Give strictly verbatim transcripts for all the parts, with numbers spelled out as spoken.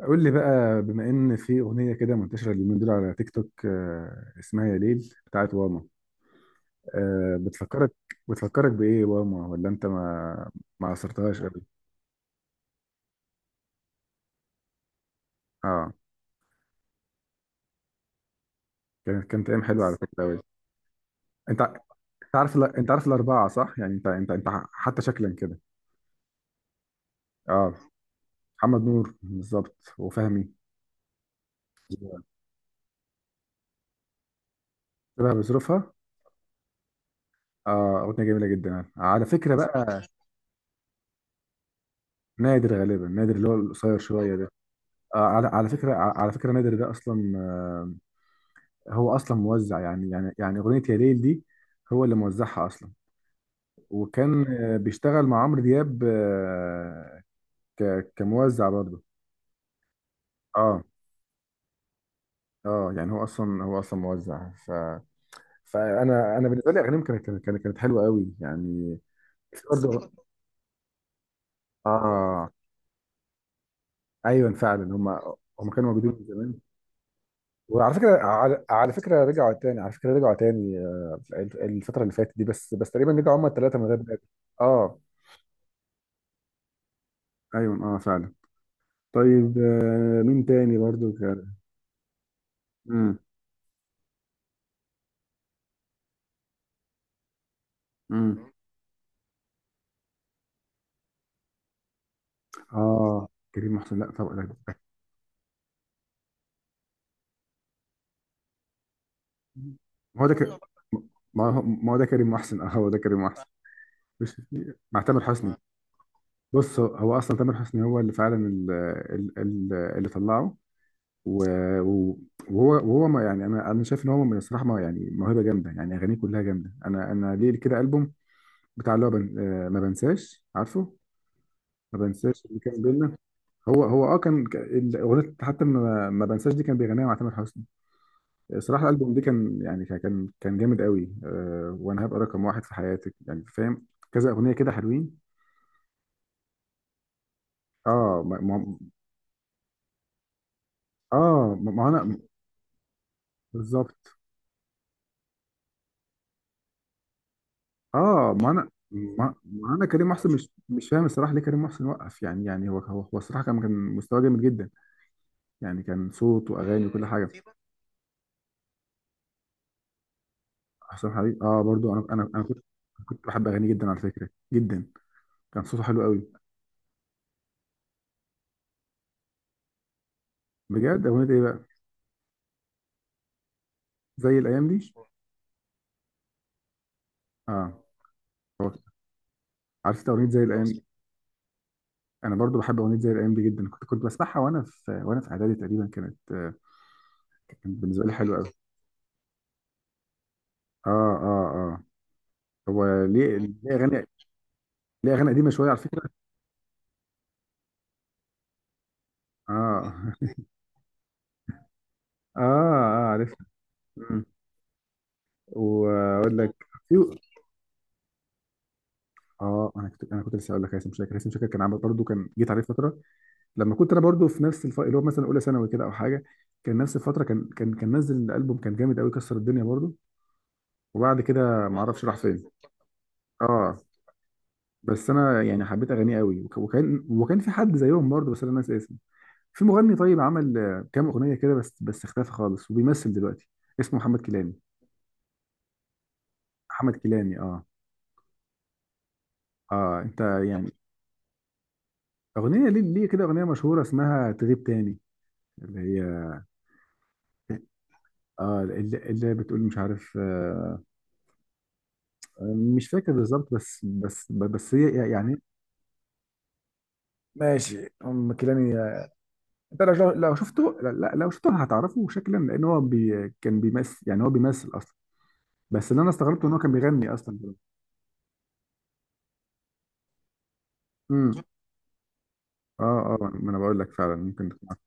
قول لي بقى، بما ان في اغنيه كده منتشره اليومين دول على تيك توك، آه، اسمها يا ليل بتاعت واما. آه، بتفكرك بتفكرك بايه واما، ولا انت ما ما عصرتهاش قوي؟ اه، كانت كانت ايام حلوه على فكره قوي. انت ع- انت عارف ال- انت عارف الاربعه، صح؟ يعني انت انت انت ح- حتى شكلا كده. اه، محمد نور بالظبط وفهمي. شبه. بظروفها. اه، اغنيه جميله جدا يعني. على فكره بقى، نادر غالبا، نادر اللي هو القصير شويه ده. آه على على فكره، ع- على فكره نادر ده اصلا، هو اصلا موزع، يعني يعني يعني اغنيه يا ليل دي هو اللي موزعها اصلا. وكان آه، بيشتغل مع عمرو دياب، آه، ك- كموزع برضه. اه اه. يعني هو اصلا هو اصلا موزع، ف فانا انا بالنسبه لي اغانيهم كانت كانت كانت كانت حلوه قوي يعني. في، برضه. اه، ايوه فعلا، هم هم كانوا موجودين من زمان. وعلى فكره، على, على فكره رجعوا تاني، على فكره رجعوا تاني، آه، الفتره اللي فاتت دي، بس بس تقريبا رجعوا هم الثلاثه من غير بقى. اه، ايوه اه فعلا. طيب، آه، مين تاني برضو كان؟ امم امم اه، كريم محسن، لا طبعا ده. ما هو ده ك... ما هو ما هو ده كريم محسن اه هو ده كريم محسن. مش مع تامر حسني. بص، هو هو اصلا تامر حسني هو اللي فعلا ال- ال- ال- اللي طلعه. و- و- وهو وهو ما يعني، انا انا شايف ان هو من الصراحه ما يعني موهبه جامده، يعني اغانيه كلها جامده. انا انا ليه كده البوم بتاع اللي هو بن... آه، ما بنساش، عارفه؟ ما بنساش اللي كان بينا. هو هو اه كان، ك- الاغنيه حتى ما, ما بنساش دي كان بيغنيها مع تامر حسني. صراحه الالبوم ده كان يعني، كان كان كان جامد قوي، آه وانا هبقى رقم واحد في حياتك يعني، فاهم؟ كذا اغنيه كده حلوين. اه، ما ما اه، ما ما انا. بالظبط. اه، ما انا، ما, ما انا كريم محسن مش مش فاهم الصراحه ليه كريم محسن وقف يعني. يعني هو هو هو الصراحه كان كان مستواه جامد جدا، يعني كان صوت واغاني وكل حاجه. حسام حبيب، اه برضو انا انا انا كنت. كنت بحب اغانيه جدا، على فكره، جدا. كان صوته حلو قوي. بجد؟ اغنيه ايه بقى؟ زي الايام دي؟ اه خلاص، عرفت اغنيه زي الايام، خلاص دي. انا برضو بحب اغنيه زي الايام دي جدا، كنت كنت بسمعها وانا في وانا في اعدادي تقريبا، كانت، آه، كانت بالنسبه لي حلوه قوي. اه اه اه. هو ليه ليه اغاني، ليه اغاني قديمه شويه على فكره. اه اه اه، عرفت. مم. واقول لك. في. اه، انا كنت انا كنت لسه اقول لك هيثم شاكر. هيثم شاكر كان عامل برضه، كان جيت عليه فتره لما كنت انا برضه في نفس الف... اللي هو مثلا اولى ثانوي كده او حاجه. كان نفس الفتره، كان كان كان نزل البوم، كان جامد قوي، كسر الدنيا برضه، وبعد كده ما اعرفش راح فين. اه. بس انا يعني حبيت اغانيه قوي، وك- وكان وكان في حد زيهم برضه، بس انا ناسي اسمه. في مغني طيب عمل آه، كام اغنيه كده، بس بس اختفى خالص وبيمثل دلوقتي. اسمه محمد كيلاني. احمد كيلاني، اه. اه، انت يعني. اغنيه، ليه ليه كده، اغنيه مشهوره اسمها تغيب تاني. اللي هي، اه اللي, اللي بتقول مش عارف، آه مش فاكر بالظبط، بس بس بس هي يعني. ماشي، ام كيلاني. انت لو لو شفته، لا لا، لو شفته هتعرفه شكلا، لان هو بي كان بيمثل، يعني هو بيمثل، بس اللي انا استغربته ان هو كان بيغني اصلا كده. امم. اه اه، ما انا بقول لك فعلا ممكن تكون عارف.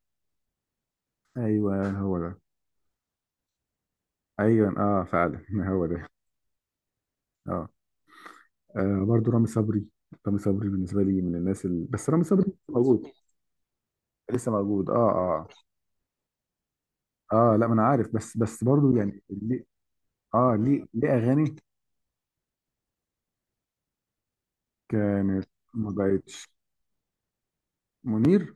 ايوه هو ده. ايوه اه فعلا هو ده. اه, آه برضه رامي صبري. رامي صبري بالنسبه لي من الناس ال... بس رامي صبري لسه موجود. لسه موجود، اه اه. اه، لا ما انا عارف، بس بس برضه يعني ليه. اه، ليه ليه اغاني كانت. ما بقتش. منير.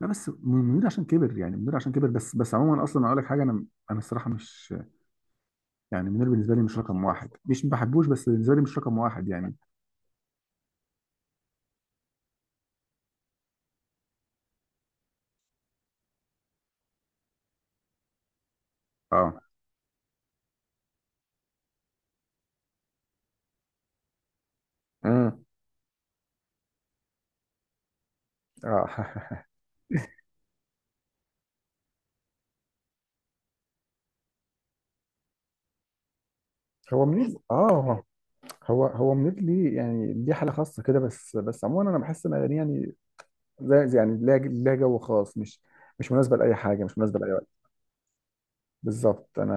لا بس منير عشان كبر، يعني منير عشان كبر، بس بس عموما اصلا اقول لك حاجه. انا انا الصراحه مش، يعني منير بالنسبه لي مش رقم واحد، مش ما بحبوش، بس بالنسبه لي مش رقم واحد يعني. اه. امم. اه هو منير اه. هو هو منير ليه، يعني دي حاله خاصه كده، بس بس عموما انا بحس ان اغانيه يعني زي زي- يعني ليها ليها جو خاص، مش مش مناسبه لاي حاجه، مش مناسبه لاي وقت. بالظبط. انا،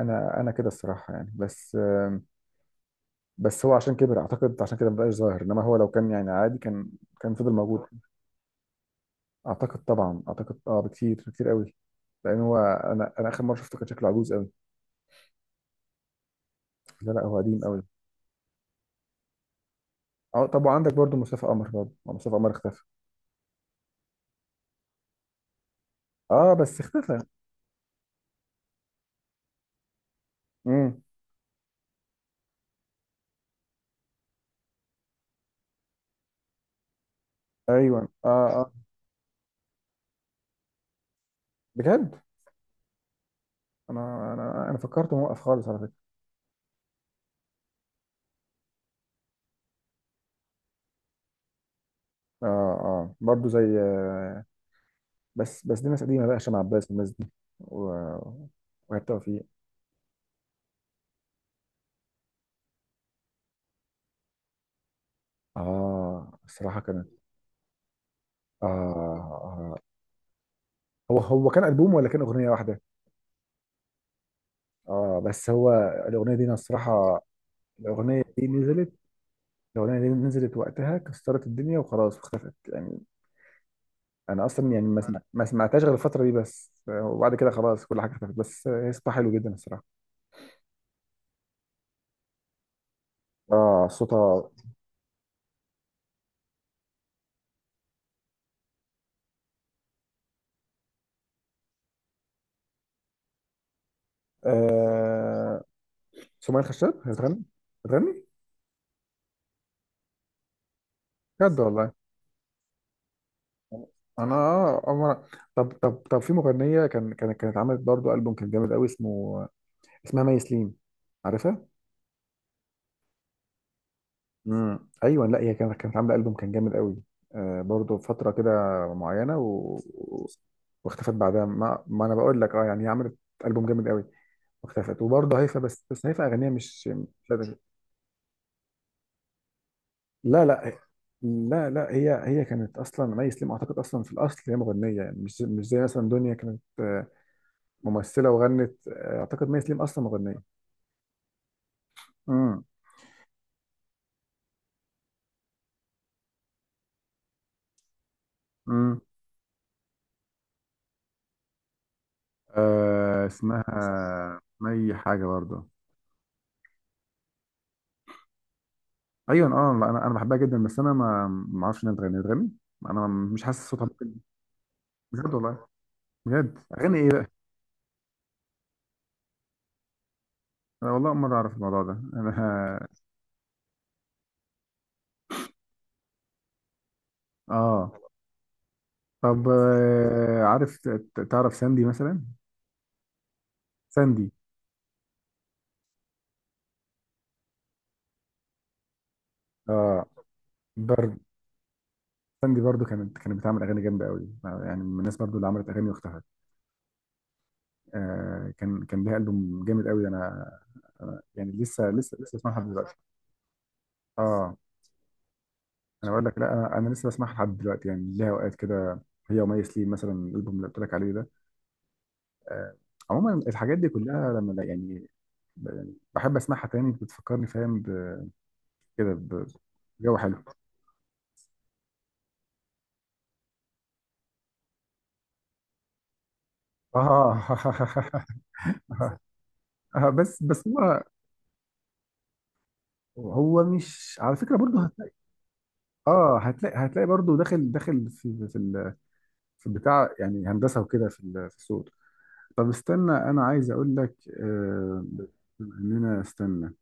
انا انا كده الصراحه يعني، بس آم، بس هو عشان كبر اعتقد، عشان كده مبقاش ظاهر، انما هو لو كان يعني عادي كان، كان فضل موجود. اعتقد طبعا، اعتقد، اه بكتير بكتير قوي. لان هو، انا انا اخر مره شفته كان شكله عجوز قوي. لا لا، هو قديم قوي. اه، طب وعندك برضو مصطفى قمر، برضو ما مصطفى قمر اختفى. اه بس اختفى. امم. ايوه اه اه، بجد انا انا انا فكرت موقف خالص على فكره. اه اه، برضو زي آه بس بس دي ناس قديمه بقى، هشام عباس والناس دي، و... وهاب توفيق. اه الصراحه كانت. آه, آه هو هو كان البوم ولا كان اغنيه واحده؟ اه، بس هو الاغنيه دي انا الصراحه. الاغنيه دي نزلت. الاغنيه دي نزلت وقتها كسرت الدنيا وخلاص واختفت يعني. انا اصلا يعني ما سمع- ما سمعتهاش غير الفتره دي، بس آه، وبعد كده خلاص كل حاجه اختفت، بس آه، هي صوتها حلو جدا الصراحه. اه صوتها. آه... سمية الخشاب هتغني. هتغني. بجد والله. انا اه أمر... طب طب طب، في مغنيه كان كان كانت عملت برضه البوم كان جامد قوي اسمه، اسمها مي سليم. عارفها؟ امم ايوه، لا هي كانت كانت عامله البوم كان جامد قوي، آه برضه فتره كده معينه. و... و- واختفت بعدها ما... ما انا بقول لك، اه يعني هي عملت البوم جامد قوي واختفت. وبرضه هيفا، بس بس هيفا اغانيها مش، مش أدبي. لا لا. لا لا، هي هي كانت اصلا مي سليم، اعتقد اصلا في الاصل هي مغنيه، يعني مش مش زي مثلا دنيا كانت آه، ممثله وغنت. آه، اعتقد مي سليم اصلا مغنيه. امم. امم. آه اسمها مي حاجه برضه. ايوه اه، لا، انا انا بحبها جدا، بس انا ما ما اعرفش انها بتغني بتغني انا مش حاسس صوتها، ممكن. بجد والله. بجد اغاني ايه بقى؟ انا والله اول مره اعرف الموضوع ده انا. اه، طب، آه، عارف ت- تعرف ساندي مثلا؟ ساندي. اه، برضه. ساندي برضه كانت كانت بتعمل اغاني جامده قوي يعني، من الناس برضه اللي عملت اغاني واختفت. آه كان كان ليها البوم جامد قوي، انا يعني لسه لسه لسه بسمعها لحد دلوقتي. اه انا بقول لك، لا انا أنا لسه بسمعها لحد دلوقتي يعني، ليها اوقات كده، هي ومي سليم مثلا الالبوم اللي قلت لك عليه ده. آه. عموما الحاجات دي كلها لما، لا- يعني، ب- يعني بحب اسمعها تاني، بتفكرني فاهم، ب- كده ب- بجو حلو. اه اه، بس بس هو، هو مش على فكره برضه هتلاقي. اه، هتلاقي هتلاقي برضه داخل داخل في في ال- في البتاع يعني هندسه وكده، في ال- في الصوت. طب استنى، انا عايز اقول لك، آه، بما اننا، استنى.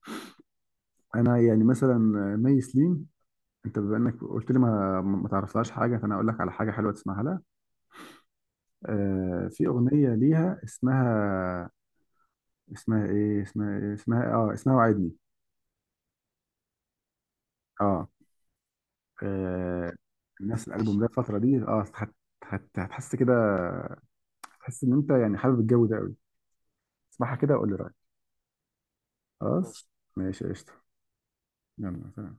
انا يعني مثلا مي سليم، انت بما انك قلت لي ما ما تعرفلهاش حاجه، فانا اقول لك على حاجه حلوه تسمعها لها. آه، في اغنيه ليها اسمها، اسمها ايه، اسمها إيه؟ اسمها اه اسمها وعدني. اه. آه، نفس الالبوم ده الفتره دي. اه، هت هت هتحس كده، هتحس ان انت يعني حابب الجو ده قوي. اسمعها كده وقول لي رايك. خلاص ماشي قشطه. يلا سلام.